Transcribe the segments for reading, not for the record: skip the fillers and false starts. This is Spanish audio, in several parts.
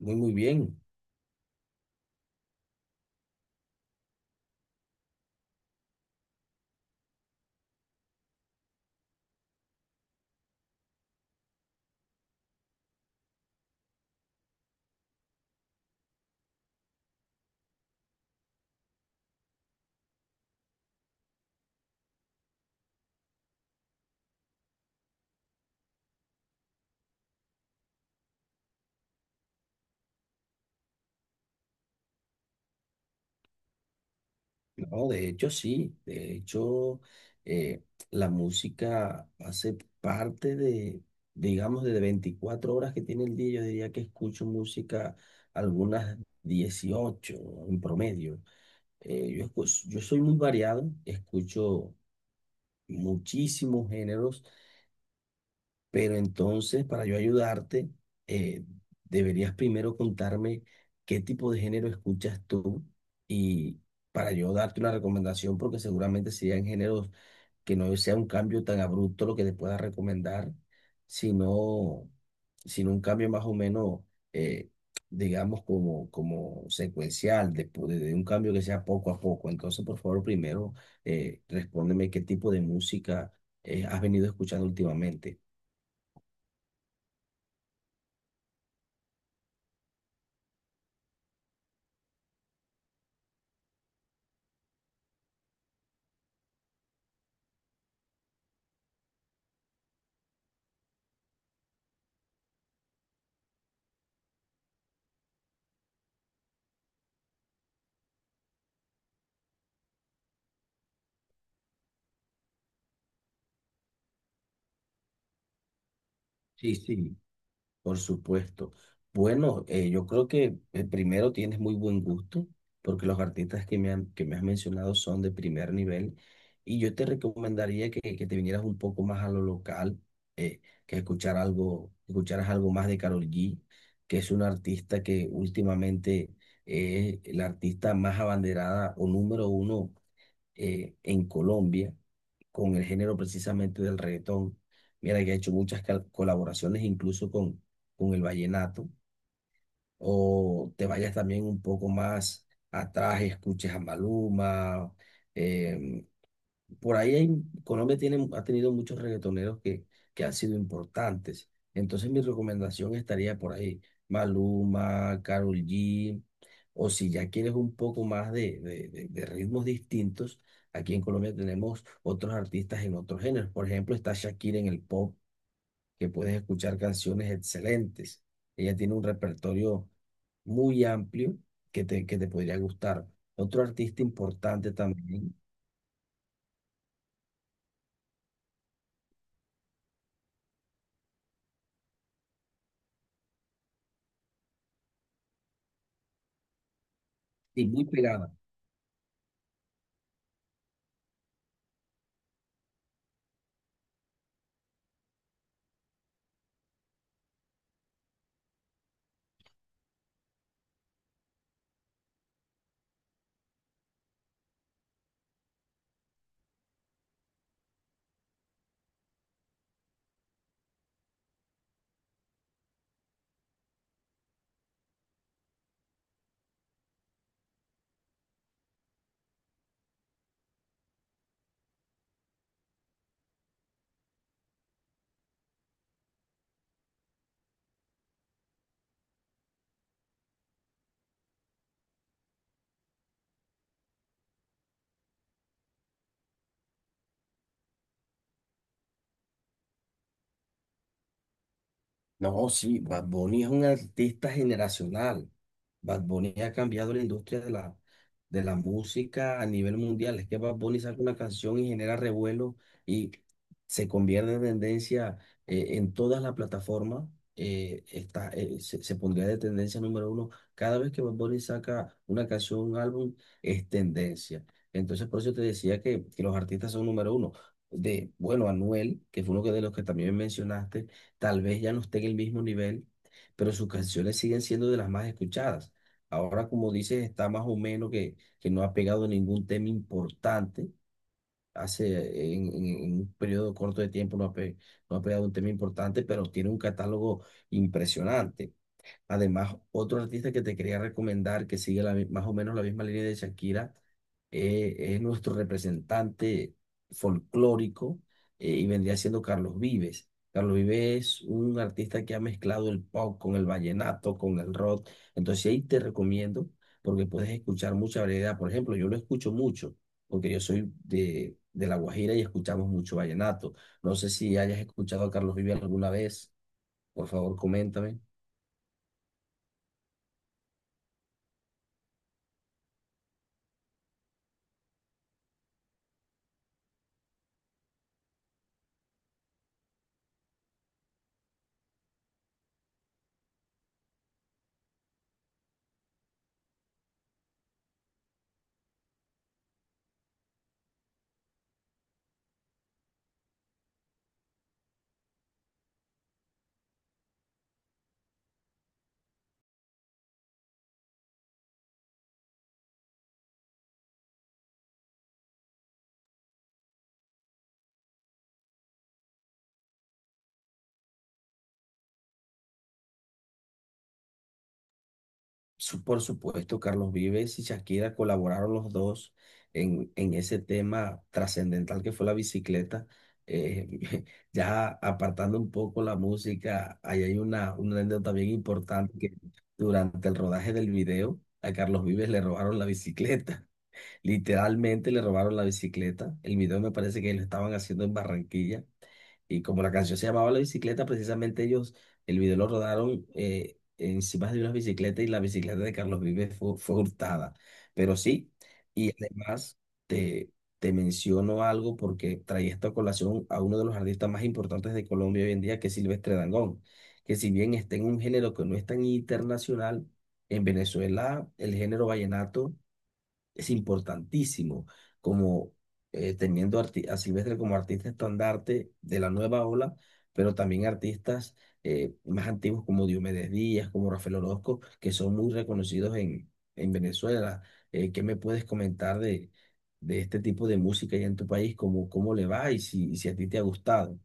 Muy bien. No, de hecho, sí. De hecho, eh, la música hace parte de, digamos, de 24 horas que tiene el día. Yo diría que escucho música algunas 18 en promedio. Yo soy muy variado, escucho muchísimos géneros. Pero entonces, para yo ayudarte, eh, deberías primero contarme qué tipo de género escuchas tú y para yo darte una recomendación, porque seguramente serían géneros que no sea un cambio tan abrupto lo que te pueda recomendar, sino, sino un cambio más o menos, eh, digamos, como secuencial, de un cambio que sea poco a poco. Entonces, por favor, primero, respóndeme qué tipo de música, has venido escuchando últimamente. Sí, sí, por supuesto. Bueno, yo creo que primero tienes muy buen gusto, porque los artistas que me has mencionado son de primer nivel, y yo te recomendaría que te vinieras un poco más a lo local, eh, que escucharas algo más de Karol G, que es una artista que últimamente es la artista más abanderada o número uno, en Colombia con el género precisamente del reggaetón. Mira que ha hecho muchas colaboraciones incluso con el vallenato. O te vayas también un poco más atrás, escuches a Maluma, eh, por ahí Colombia tiene, ha tenido muchos reggaetoneros que han sido importantes. Entonces mi recomendación estaría por ahí, Maluma, Karol G, o si ya quieres un poco más de ritmos distintos, aquí en Colombia tenemos otros artistas en otros géneros. Por ejemplo, está Shakira en el pop, que puedes escuchar canciones excelentes. Ella tiene un repertorio muy amplio que te podría gustar. Otro artista importante también y muy pegada. No, sí, Bad Bunny es un artista generacional. Bad Bunny ha cambiado la industria de la música a nivel mundial. Es que Bad Bunny saca una canción y genera revuelo y se convierte en tendencia, en todas las plataformas. Se pondría de tendencia número uno. Cada vez que Bad Bunny saca una canción, un álbum, es tendencia. Entonces, por eso te decía que los artistas son número uno. De, bueno, Anuel, que fue uno de los que también mencionaste, tal vez ya no esté en el mismo nivel, pero sus canciones siguen siendo de las más escuchadas. Ahora, como dices, está más o menos que no ha pegado ningún tema importante. En un periodo corto de tiempo no ha pegado un tema importante, pero tiene un catálogo impresionante. Además, otro artista que te quería recomendar que sigue la más o menos la misma línea de Shakira, es nuestro representante folclórico, y vendría siendo Carlos Vives. Carlos Vives es un artista que ha mezclado el pop con el vallenato, con el rock. Entonces sí, ahí te recomiendo porque puedes escuchar mucha variedad. Por ejemplo, yo lo escucho mucho porque yo soy de La Guajira y escuchamos mucho vallenato. No sé si hayas escuchado a Carlos Vives alguna vez. Por favor, coméntame. Por supuesto, Carlos Vives y Shakira colaboraron los dos en ese tema trascendental que fue la bicicleta. Eh, ya apartando un poco la música, ahí hay una anécdota bien importante que durante el rodaje del video a Carlos Vives le robaron la bicicleta. Literalmente le robaron la bicicleta. El video me parece que lo estaban haciendo en Barranquilla. Y como la canción se llamaba La bicicleta, precisamente ellos, el video lo rodaron, encima de una bicicleta, y la bicicleta de Carlos Vives fue, fue hurtada. Pero sí, y además te, te menciono algo porque traía esta colación a uno de los artistas más importantes de Colombia hoy en día, que es Silvestre Dangond, que si bien está en un género que no es tan internacional, en Venezuela el género vallenato es importantísimo, como, a Silvestre como artista estandarte de la nueva ola, pero también artistas, más antiguos como Diomedes Díaz, como Rafael Orozco, que son muy reconocidos en Venezuela. ¿Qué me puedes comentar de este tipo de música allá en tu país? ¿Cómo, cómo le va y si a ti te ha gustado?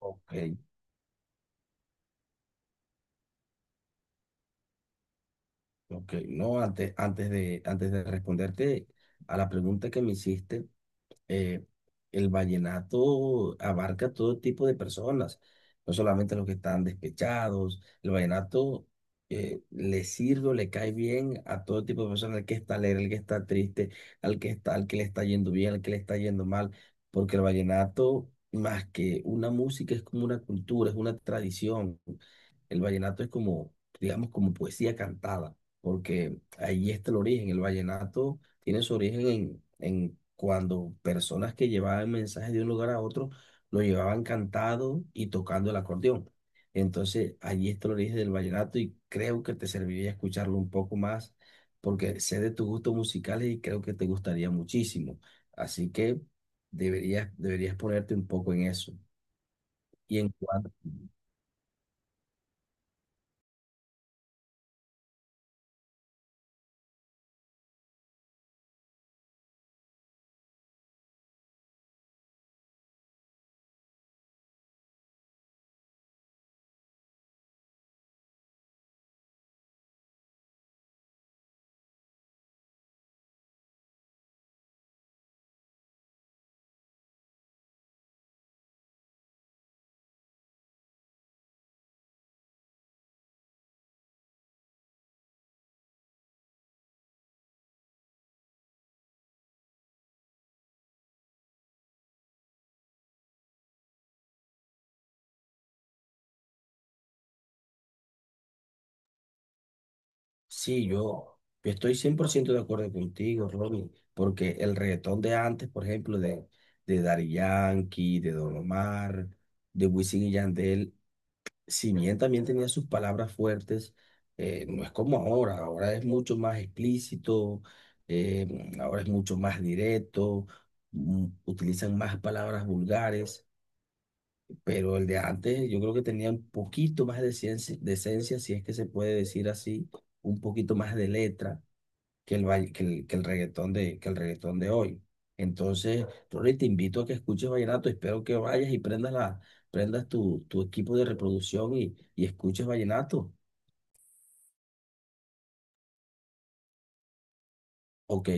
Ok, ok. No, antes de responderte a la pregunta que me hiciste, eh, el vallenato abarca todo tipo de personas, no solamente los que están despechados. El vallenato, le sirve o le cae bien a todo tipo de personas, al que está alegre, al que está triste, al que le está yendo bien, al que le está yendo mal, porque el vallenato, más que una música, es como una cultura, es una tradición. El vallenato es como, digamos, como poesía cantada, porque ahí está el origen. El vallenato tiene su origen en cuando personas que llevaban mensajes de un lugar a otro lo llevaban cantado y tocando el acordeón. Entonces, allí está el origen del vallenato y creo que te serviría escucharlo un poco más, porque sé de tus gustos musicales y creo que te gustaría muchísimo. Así que deberías ponerte un poco en eso. Y en cuanto sí, yo estoy 100% de acuerdo contigo, Ronnie, porque el reggaetón de antes, por ejemplo, de Daddy Yankee, de Don Omar, de Wisin y Yandel, si bien también tenía sus palabras fuertes, no es como ahora, ahora es mucho más explícito, ahora es mucho más directo, utilizan más palabras vulgares, pero el de antes yo creo que tenía un poquito más de ciencia, de esencia, si es que se puede decir así, un poquito más de letra que el reggaetón que el reggaetón de hoy. Entonces, Rory, te invito a que escuches vallenato. Espero que vayas y prendas tu equipo de reproducción y escuches vallenato. Ok.